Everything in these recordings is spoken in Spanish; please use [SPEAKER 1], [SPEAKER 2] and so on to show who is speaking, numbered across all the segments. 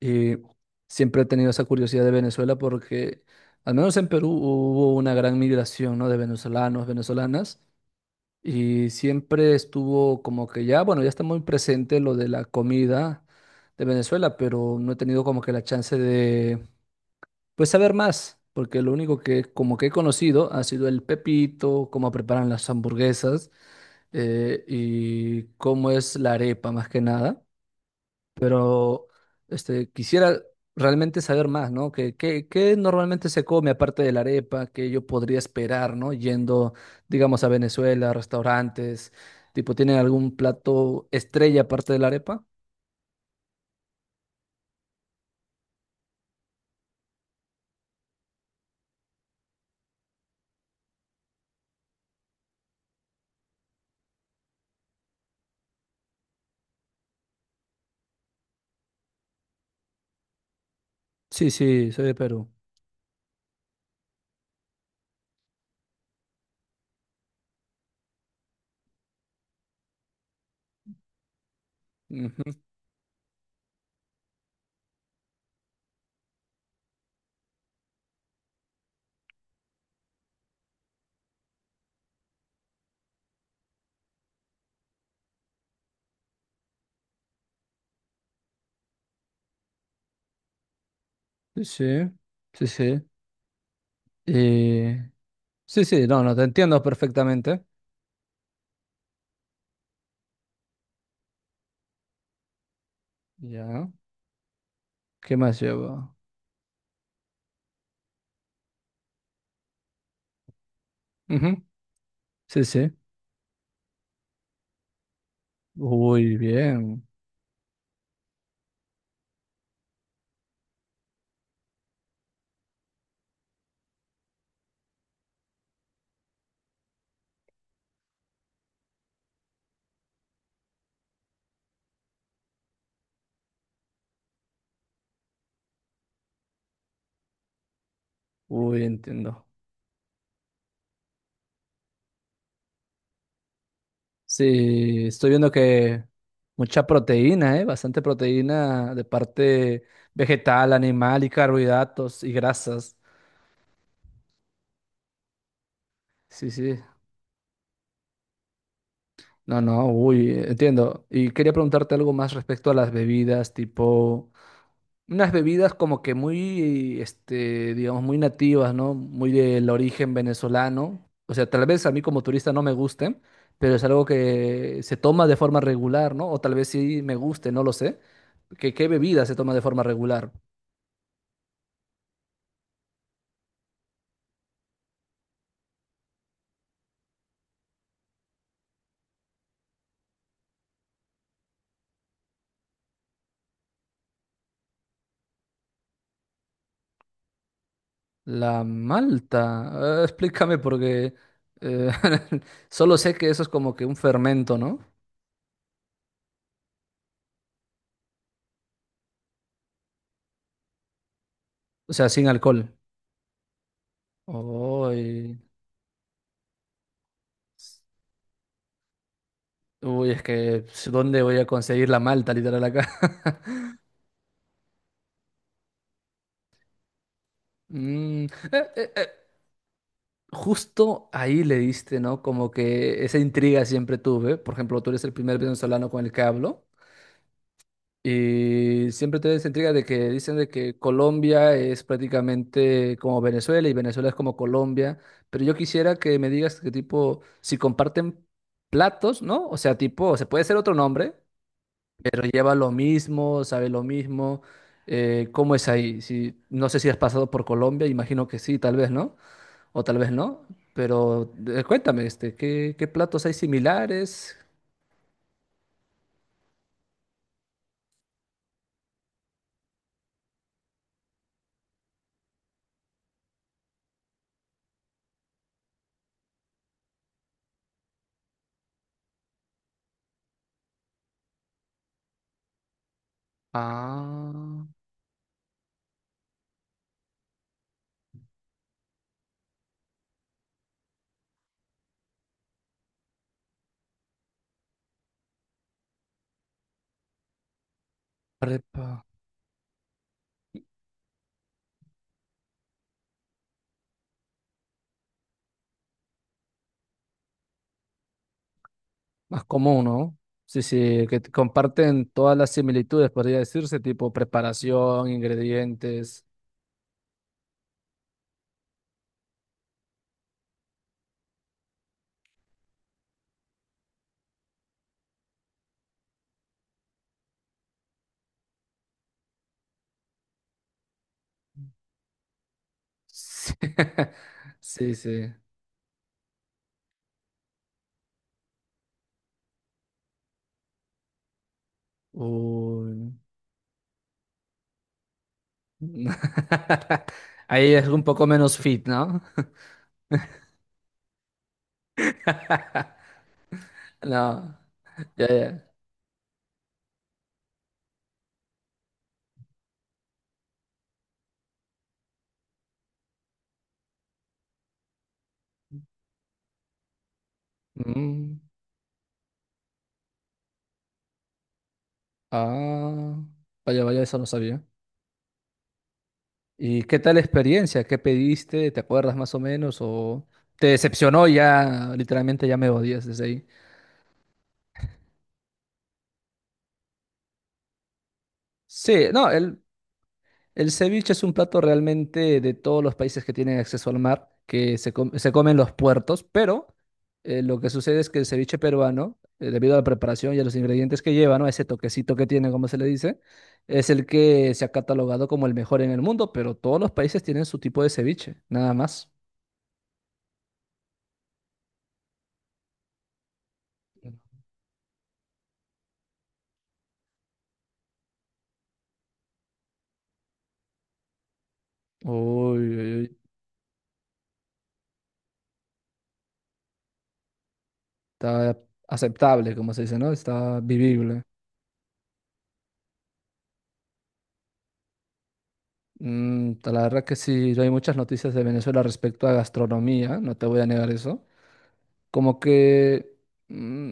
[SPEAKER 1] Y siempre he tenido esa curiosidad de Venezuela porque, al menos en Perú, hubo una gran migración, ¿no? De venezolanos, venezolanas, y siempre estuvo como que ya, bueno, ya está muy presente lo de la comida de Venezuela, pero no he tenido como que la chance de, pues, saber más, porque lo único que como que he conocido ha sido el pepito, cómo preparan las hamburguesas y cómo es la arepa más que nada. Pero quisiera realmente saber más, ¿no? ¿Qué normalmente se come aparte de la arepa? ¿Qué yo podría esperar, ¿no? Yendo, digamos, a Venezuela, restaurantes, tipo, ¿tienen algún plato estrella aparte de la arepa? Sí, sí, soy de Perú. Ujú. Sí, sí, sí, sí. Eh, sí, sí, no, no, te entiendo perfectamente. Ya, ¿qué más lleva? Ujú. Sí, sí. Uy, bien. Uy, entiendo. Sí, estoy viendo que mucha proteína, ¿eh? Bastante proteína de parte vegetal, animal y carbohidratos y grasas. Sí, sí. No, no, uy, entiendo. Y quería preguntarte algo más respecto a las bebidas, tipo unas bebidas como que muy, este, digamos, muy nativas, ¿no? Muy del origen venezolano. O sea, tal vez a mí como turista no me gusten, pero es algo que se toma de forma regular, ¿no? O tal vez sí me guste, no lo sé. ¿Qué bebida se toma de forma regular? La malta. Explícame porque eh, solo sé que eso es como que un fermento, ¿no? O sea, sin alcohol. Uy, uy, es que ¿dónde voy a conseguir la malta literal acá? Mm, eh, eh, eh, justo ahí le diste, ¿no? Como que esa intriga siempre tuve. Por ejemplo, tú eres el primer venezolano con el que hablo. Y siempre tuve esa intriga de que dicen de que Colombia es prácticamente como Venezuela y Venezuela es como Colombia. Pero yo quisiera que me digas que tipo, si comparten platos, ¿no? O sea, tipo, se puede ser otro nombre, pero lleva lo mismo, sabe lo mismo. ¿Cómo es ahí? Si, no sé si has pasado por Colombia, imagino que sí, tal vez, ¿no? O tal vez no, pero cuéntame, ¿qué platos hay similares? Ah, arepa, más común, ¿no? Sí, sí, que comparten todas las similitudes, podría decirse, tipo preparación, ingredientes. Sí, sí. Sí. Uy. Ahí es un poco menos fit, ¿no? No, ya, ya. Mm. Ah, vaya, vaya, eso no sabía. ¿Y qué tal la experiencia? ¿Qué pediste? ¿Te acuerdas más o menos? ¿O te decepcionó ya? Literalmente ya me odias desde ahí. Sí, no, el ceviche es un plato realmente de todos los países que tienen acceso al mar, que se, se comen los puertos, pero lo que sucede es que el ceviche peruano, debido a la preparación y a los ingredientes que lleva, ¿no? Ese toquecito que tiene, como se le dice, es el que se ha catalogado como el mejor en el mundo, pero todos los países tienen su tipo de ceviche, nada más. Uy, uy, uy. Está aceptable, como se dice, ¿no? Está vivible. Mm, la verdad que sí, no hay muchas noticias de Venezuela respecto a gastronomía, no te voy a negar eso. Como que mm,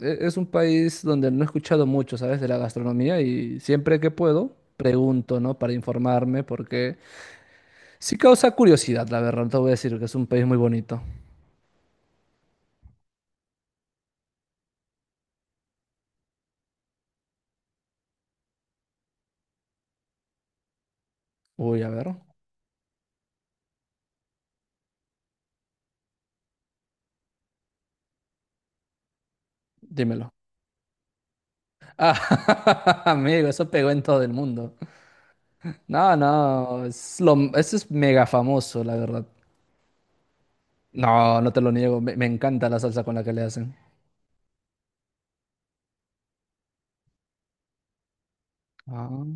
[SPEAKER 1] es un país donde no he escuchado mucho, ¿sabes? De la gastronomía y siempre que puedo pregunto, ¿no? Para informarme, porque sí causa curiosidad, la verdad, no te voy a decir que es un país muy bonito. Uy, a ver, dímelo. Ah, amigo, eso pegó en todo el mundo. No, no, ese es mega famoso, la verdad. No, no te lo niego, me encanta la salsa con la que le hacen. Ah.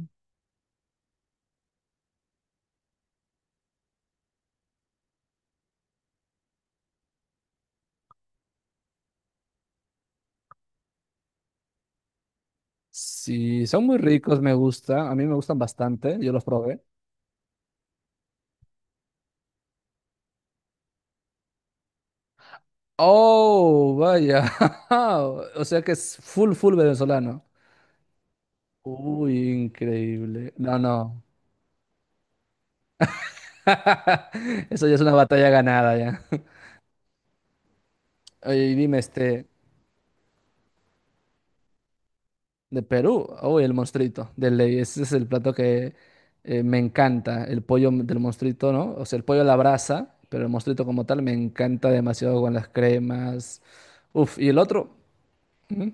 [SPEAKER 1] Sí, son muy ricos, me gusta, a mí me gustan bastante, yo los probé. Oh, vaya, o sea que es full, full venezolano. Uy, increíble. No, no. Eso ya es una batalla ganada ya. Oye, y dime, de Perú, uy, el monstruito de ley, ese es el plato que me encanta, el pollo del monstruito, ¿no? O sea, el pollo a la brasa, pero el monstruito como tal me encanta demasiado con las cremas. Uf, y el otro, ujú.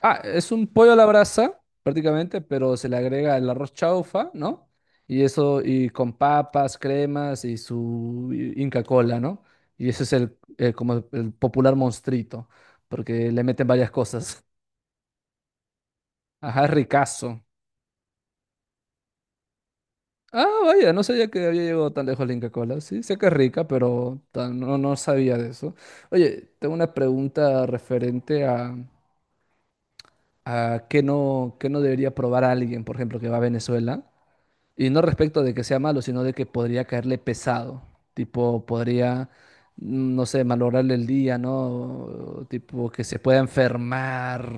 [SPEAKER 1] Ah, es un pollo a la brasa prácticamente, pero se le agrega el arroz chaufa, ¿no? Y eso, y con papas, cremas y su Inca Cola, ¿no? Y ese es el, como el popular monstruito, porque le meten varias cosas. Ajá, es ricazo. Ah, vaya, no sabía que había llegado tan lejos la Inca Kola. Sí, sé que es rica, pero tan- no, no sabía de eso. Oye, tengo una pregunta referente a qué no debería probar alguien, por ejemplo, que va a Venezuela. Y no respecto de que sea malo, sino de que podría caerle pesado. Tipo, podría, mm, no sé, malograrle el día, ¿no? Tipo, que se pueda enfermar.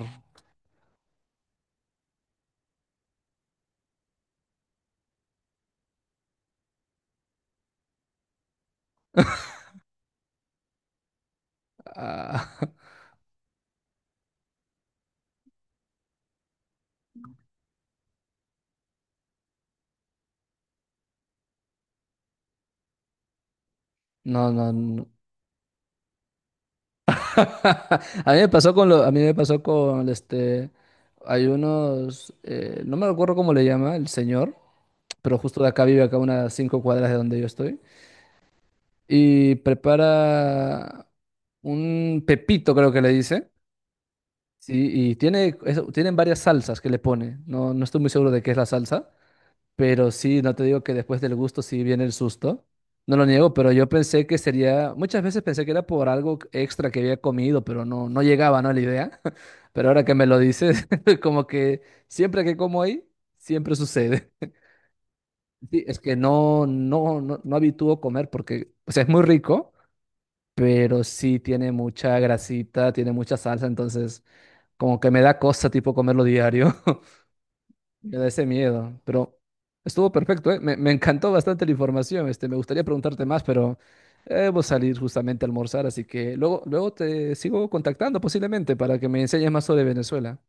[SPEAKER 1] Ah, no, no, no. A mí me pasó con lo, a mí me pasó con hay unos, no me acuerdo cómo le llama el señor, pero justo de acá vive acá unas cinco cuadras de donde yo estoy y prepara un pepito creo que le dice, sí, y tiene, tienen varias salsas que le pone, no, no estoy muy seguro de qué es la salsa, pero sí, no te digo que después del gusto sí viene el susto. No lo niego, pero yo pensé que sería, muchas veces pensé que era por algo extra que había comido, pero no, no llegaba, ¿no? La idea. Pero ahora que me lo dices, como que siempre que como ahí, siempre sucede. Sí, es que no, no, no, no habitúo comer porque, o sea, es muy rico, pero sí tiene mucha grasita, tiene mucha salsa, entonces como que me da cosa tipo comerlo diario. Me da ese miedo, pero estuvo perfecto, ¿eh? Me encantó bastante la información. Me gustaría preguntarte más, pero debo salir justamente a almorzar, así que luego, luego te sigo contactando posiblemente para que me enseñes más sobre Venezuela.